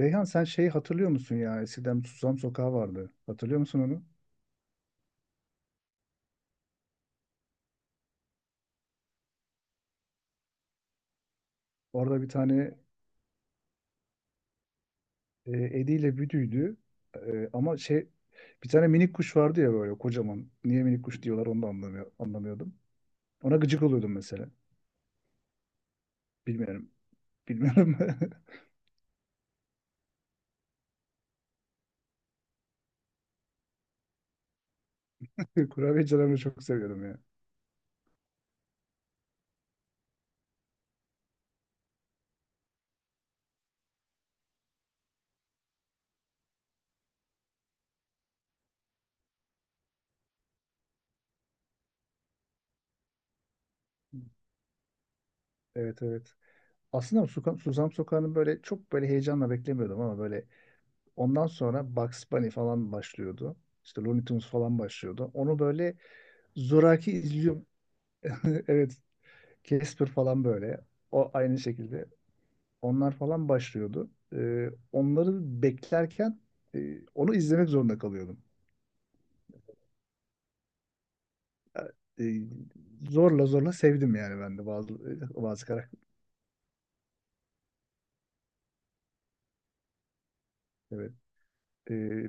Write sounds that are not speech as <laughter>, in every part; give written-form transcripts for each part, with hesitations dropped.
Reyhan, sen şeyi hatırlıyor musun ya? Eskiden Susam Sokağı vardı. Hatırlıyor musun onu? Orada bir tane e, Edi ile Büdü'ydü. Ama şey bir tane minik kuş vardı ya böyle kocaman. Niye minik kuş diyorlar onu da anlamıyordum. Ona gıcık oluyordum mesela. Bilmiyorum. Bilmiyorum. <laughs> Kurabiye canımı çok seviyordum ya. Evet, evet. Aslında Susam Sokağı'nı böyle çok böyle heyecanla beklemiyordum ama böyle ondan sonra Bugs Bunny falan başlıyordu. İşte Looney Tunes falan başlıyordu. Onu böyle zoraki izliyor, <laughs> evet, Casper falan böyle. O aynı şekilde. Onlar falan başlıyordu. Onları beklerken onu izlemek zorunda kalıyordum. Ee, e, zorla zorla sevdim yani ben de bazı karakter. Evet. Ee,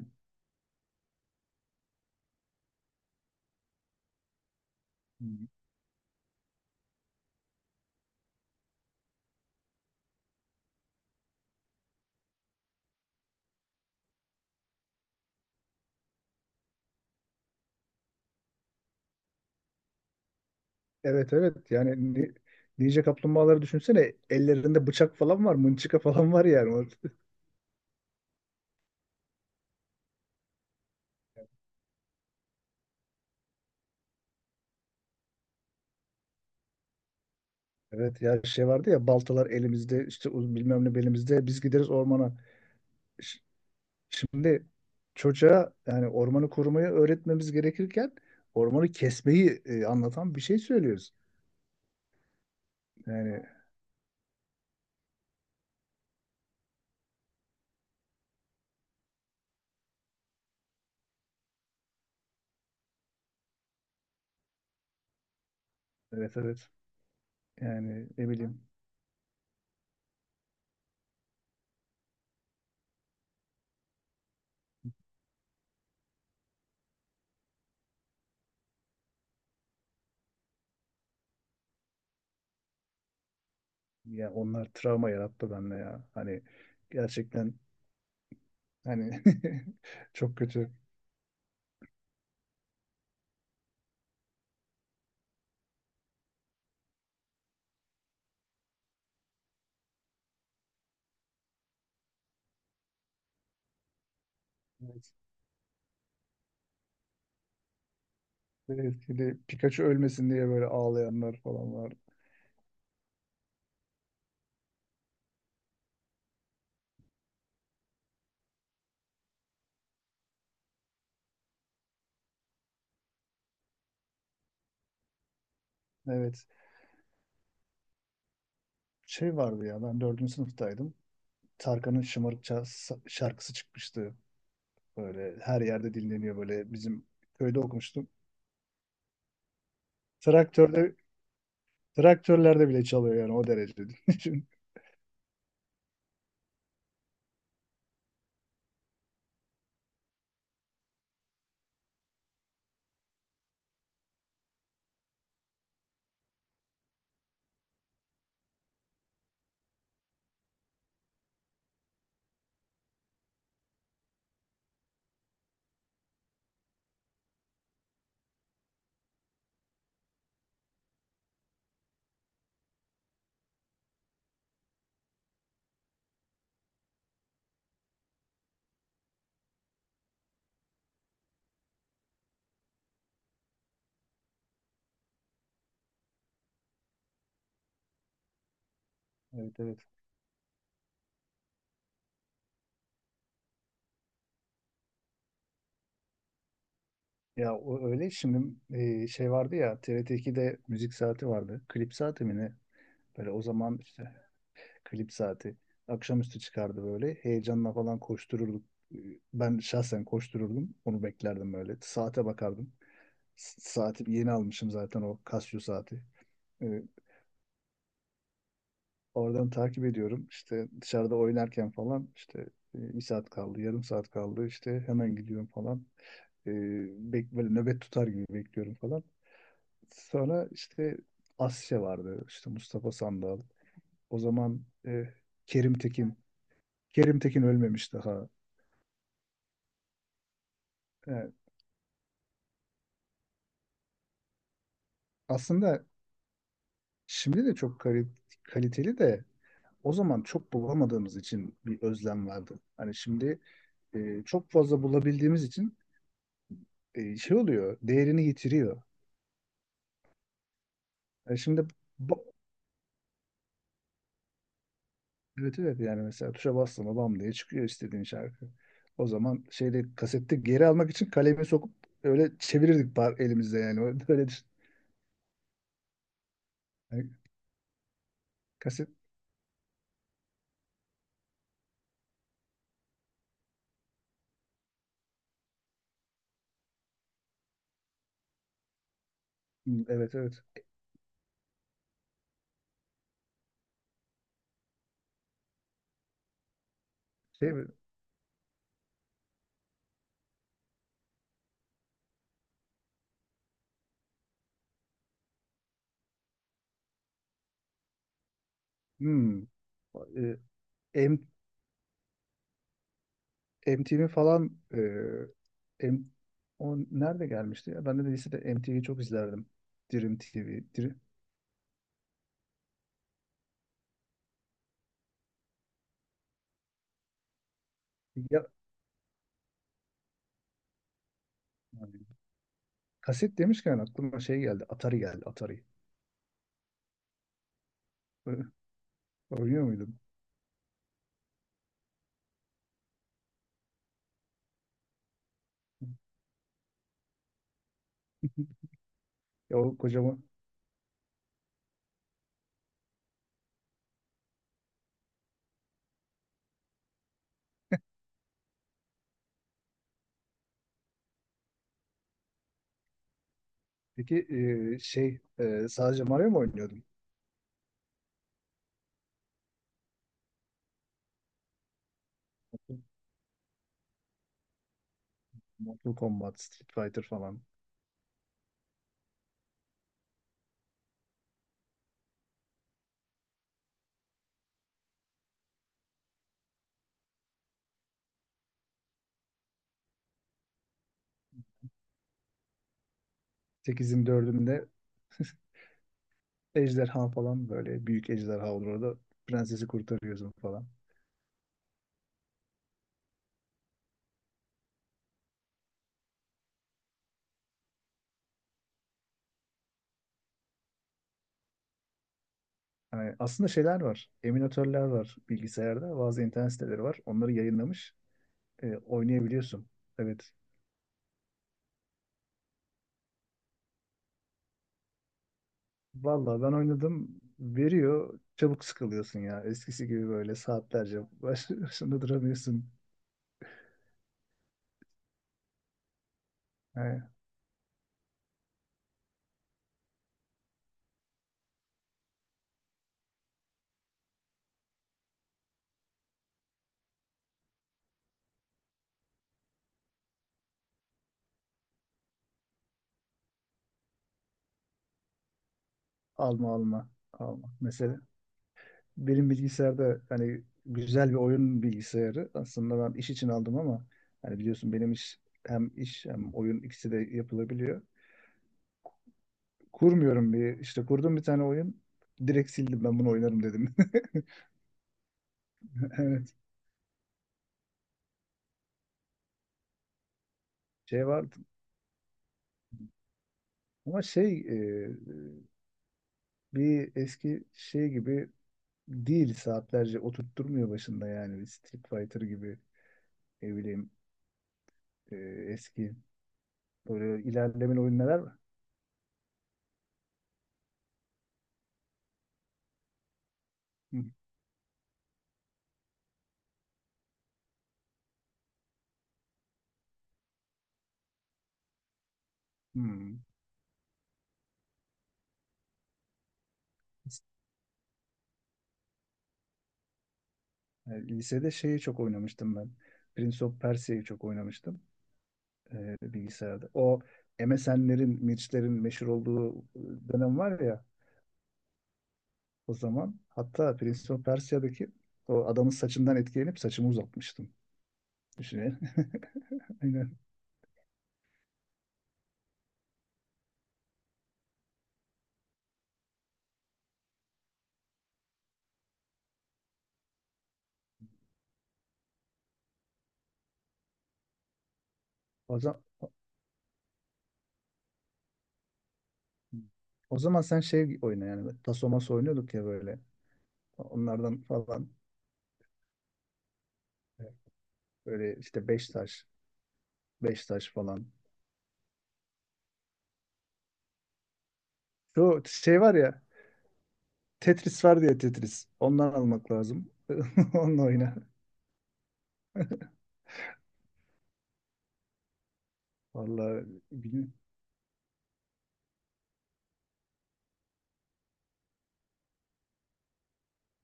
evet, evet. Yani Ninja kaplumbağaları düşünsene, ellerinde bıçak falan var, mınçıka falan var yani. <laughs> Evet ya, şey vardı ya, baltalar elimizde, işte bilmem ne belimizde biz gideriz ormana. Şimdi çocuğa yani ormanı korumayı öğretmemiz gerekirken ormanı kesmeyi anlatan bir şey söylüyoruz. Yani evet, evet, yani ne bileyim, ya onlar travma yarattı bende ya. Hani gerçekten, hani <laughs> çok kötü. Evet. Evet, bir de Pikachu ölmesin diye böyle ağlayanlar falan var. Evet. Şey vardı ya, ben dördüncü sınıftaydım. Tarkan'ın Şımarık şarkısı çıkmıştı. Böyle her yerde dinleniyor, böyle bizim köyde okumuştum. Traktörde traktörlerde bile çalıyor yani, o derece. <laughs> Düşün. Evet, evet. Ya, o öyle şimdi şey vardı ya, TRT2'de müzik saati vardı. Klip saati mi ne? Böyle o zaman işte klip saati akşamüstü çıkardı böyle. Heyecanla falan koştururduk. E, Ben şahsen koştururdum. Onu beklerdim böyle. Saate bakardım. Saati yeni almışım zaten, o Casio saati. E, Oradan takip ediyorum. İşte dışarıda oynarken falan işte bir saat kaldı, yarım saat kaldı. İşte hemen gidiyorum falan. E, Böyle nöbet tutar gibi bekliyorum falan. Sonra işte Asya vardı. İşte Mustafa Sandal. O zaman Kerim Tekin. Kerim Tekin ölmemiş daha. E, Aslında şimdi de çok kaliteli de, o zaman çok bulamadığımız için bir özlem vardı. Hani şimdi çok fazla bulabildiğimiz için şey oluyor, değerini yitiriyor. Şimdi, bu- evet, evet, yani mesela tuşa bastın mı bam diye çıkıyor istediğin şarkı. O zaman şeyde kasette geri almak için kalemi sokup öyle çevirirdik, par elimizde yani. <laughs> Öyle düşün. Yani kaset. Hmm, evet, evet. Şey mi? Hmm. E, M, MTV falan, e, M, o nerede gelmişti ya? Ben de lisede MTV'yi çok izlerdim. Dream TV. Ya, yani kaset demişken aklıma şey geldi. Atari geldi. Atari. <laughs> Oynuyor muydum. Ya, o kocaman. Peki şey, sadece Mario mu oynuyordun? Mortal Kombat, Street Fighter falan. 8'in 4'ünde <laughs> ejderha falan, böyle büyük ejderha olur orada, prensesi kurtarıyorsun falan. Yani aslında şeyler var. Eminatörler var bilgisayarda. Bazı internet siteleri var. Onları yayınlamış. Oynayabiliyorsun. Evet. Vallahi ben oynadım. Veriyor. Çabuk sıkılıyorsun ya. Eskisi gibi böyle saatlerce baş, başında duramıyorsun. Yani alma, alma, alma. Mesela benim bilgisayarda hani güzel bir oyun bilgisayarı. Aslında ben iş için aldım ama hani biliyorsun, benim iş, hem iş hem oyun, ikisi de yapılabiliyor. Kurmuyorum, bir işte kurdum bir tane oyun. Direkt sildim, ben bunu oynarım dedim. <laughs> Evet. Şey vardı. Ama şey bir eski şey gibi değil, saatlerce oturtturmuyor başında yani, bir Street Fighter gibi, ne bileyim e, eski böyle ilerlemeli oyunlar var. Hı, hı. Yani lisede şeyi çok oynamıştım ben. Prince of Persia'yı çok oynamıştım bilgisayarda. O MSN'lerin, Mirç'lerin meşhur olduğu dönem var ya o zaman. Hatta Prince of Persia'daki o adamın saçından etkilenip saçımı uzatmıştım. Düşünün. <laughs> Aynen. O zaman, o zaman sen şey oyna yani. Tasomas oynuyorduk ya böyle. Onlardan falan. Evet. Böyle işte beş taş, beş taş falan. Şu şey var ya, Tetris var diye, Tetris. Ondan almak lazım. <laughs> Onunla oyna. Vallahi bilmiyorum.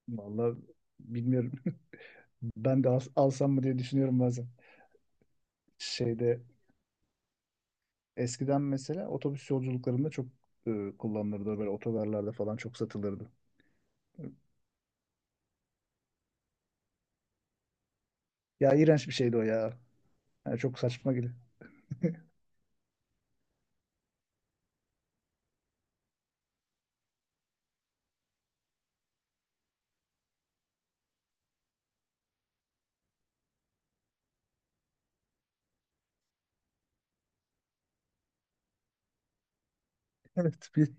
Vallahi bilmiyorum. <laughs> Ben de alsam mı diye düşünüyorum bazen. Şeyde eskiden mesela otobüs yolculuklarında çok kullanılırdı. Böyle otogarlarda falan çok satılırdı. Ya, iğrenç bir şeydi o ya. Yani çok saçma gibi. Evet, bir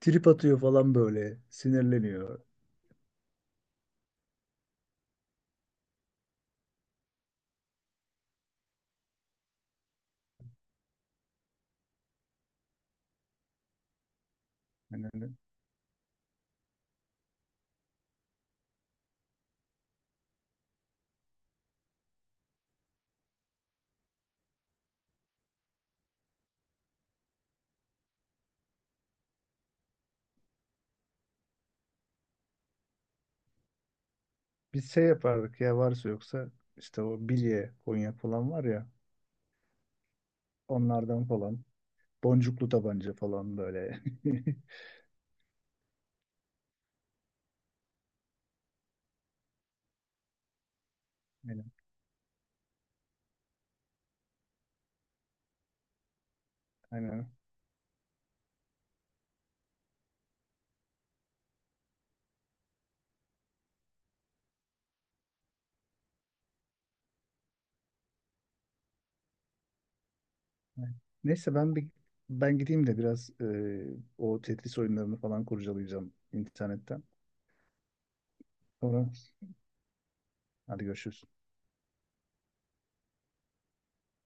trip atıyor falan böyle. Sinirleniyor. Yani biz şey yapardık ya, varsa yoksa işte o bilye, konya falan var ya, onlardan falan. Boncuklu tabanca falan böyle. <laughs> Aynen. Aynen. Aynen. Neyse, ben gideyim de biraz o Tetris oyunlarını falan kurcalayacağım internetten. Sonra hadi görüşürüz.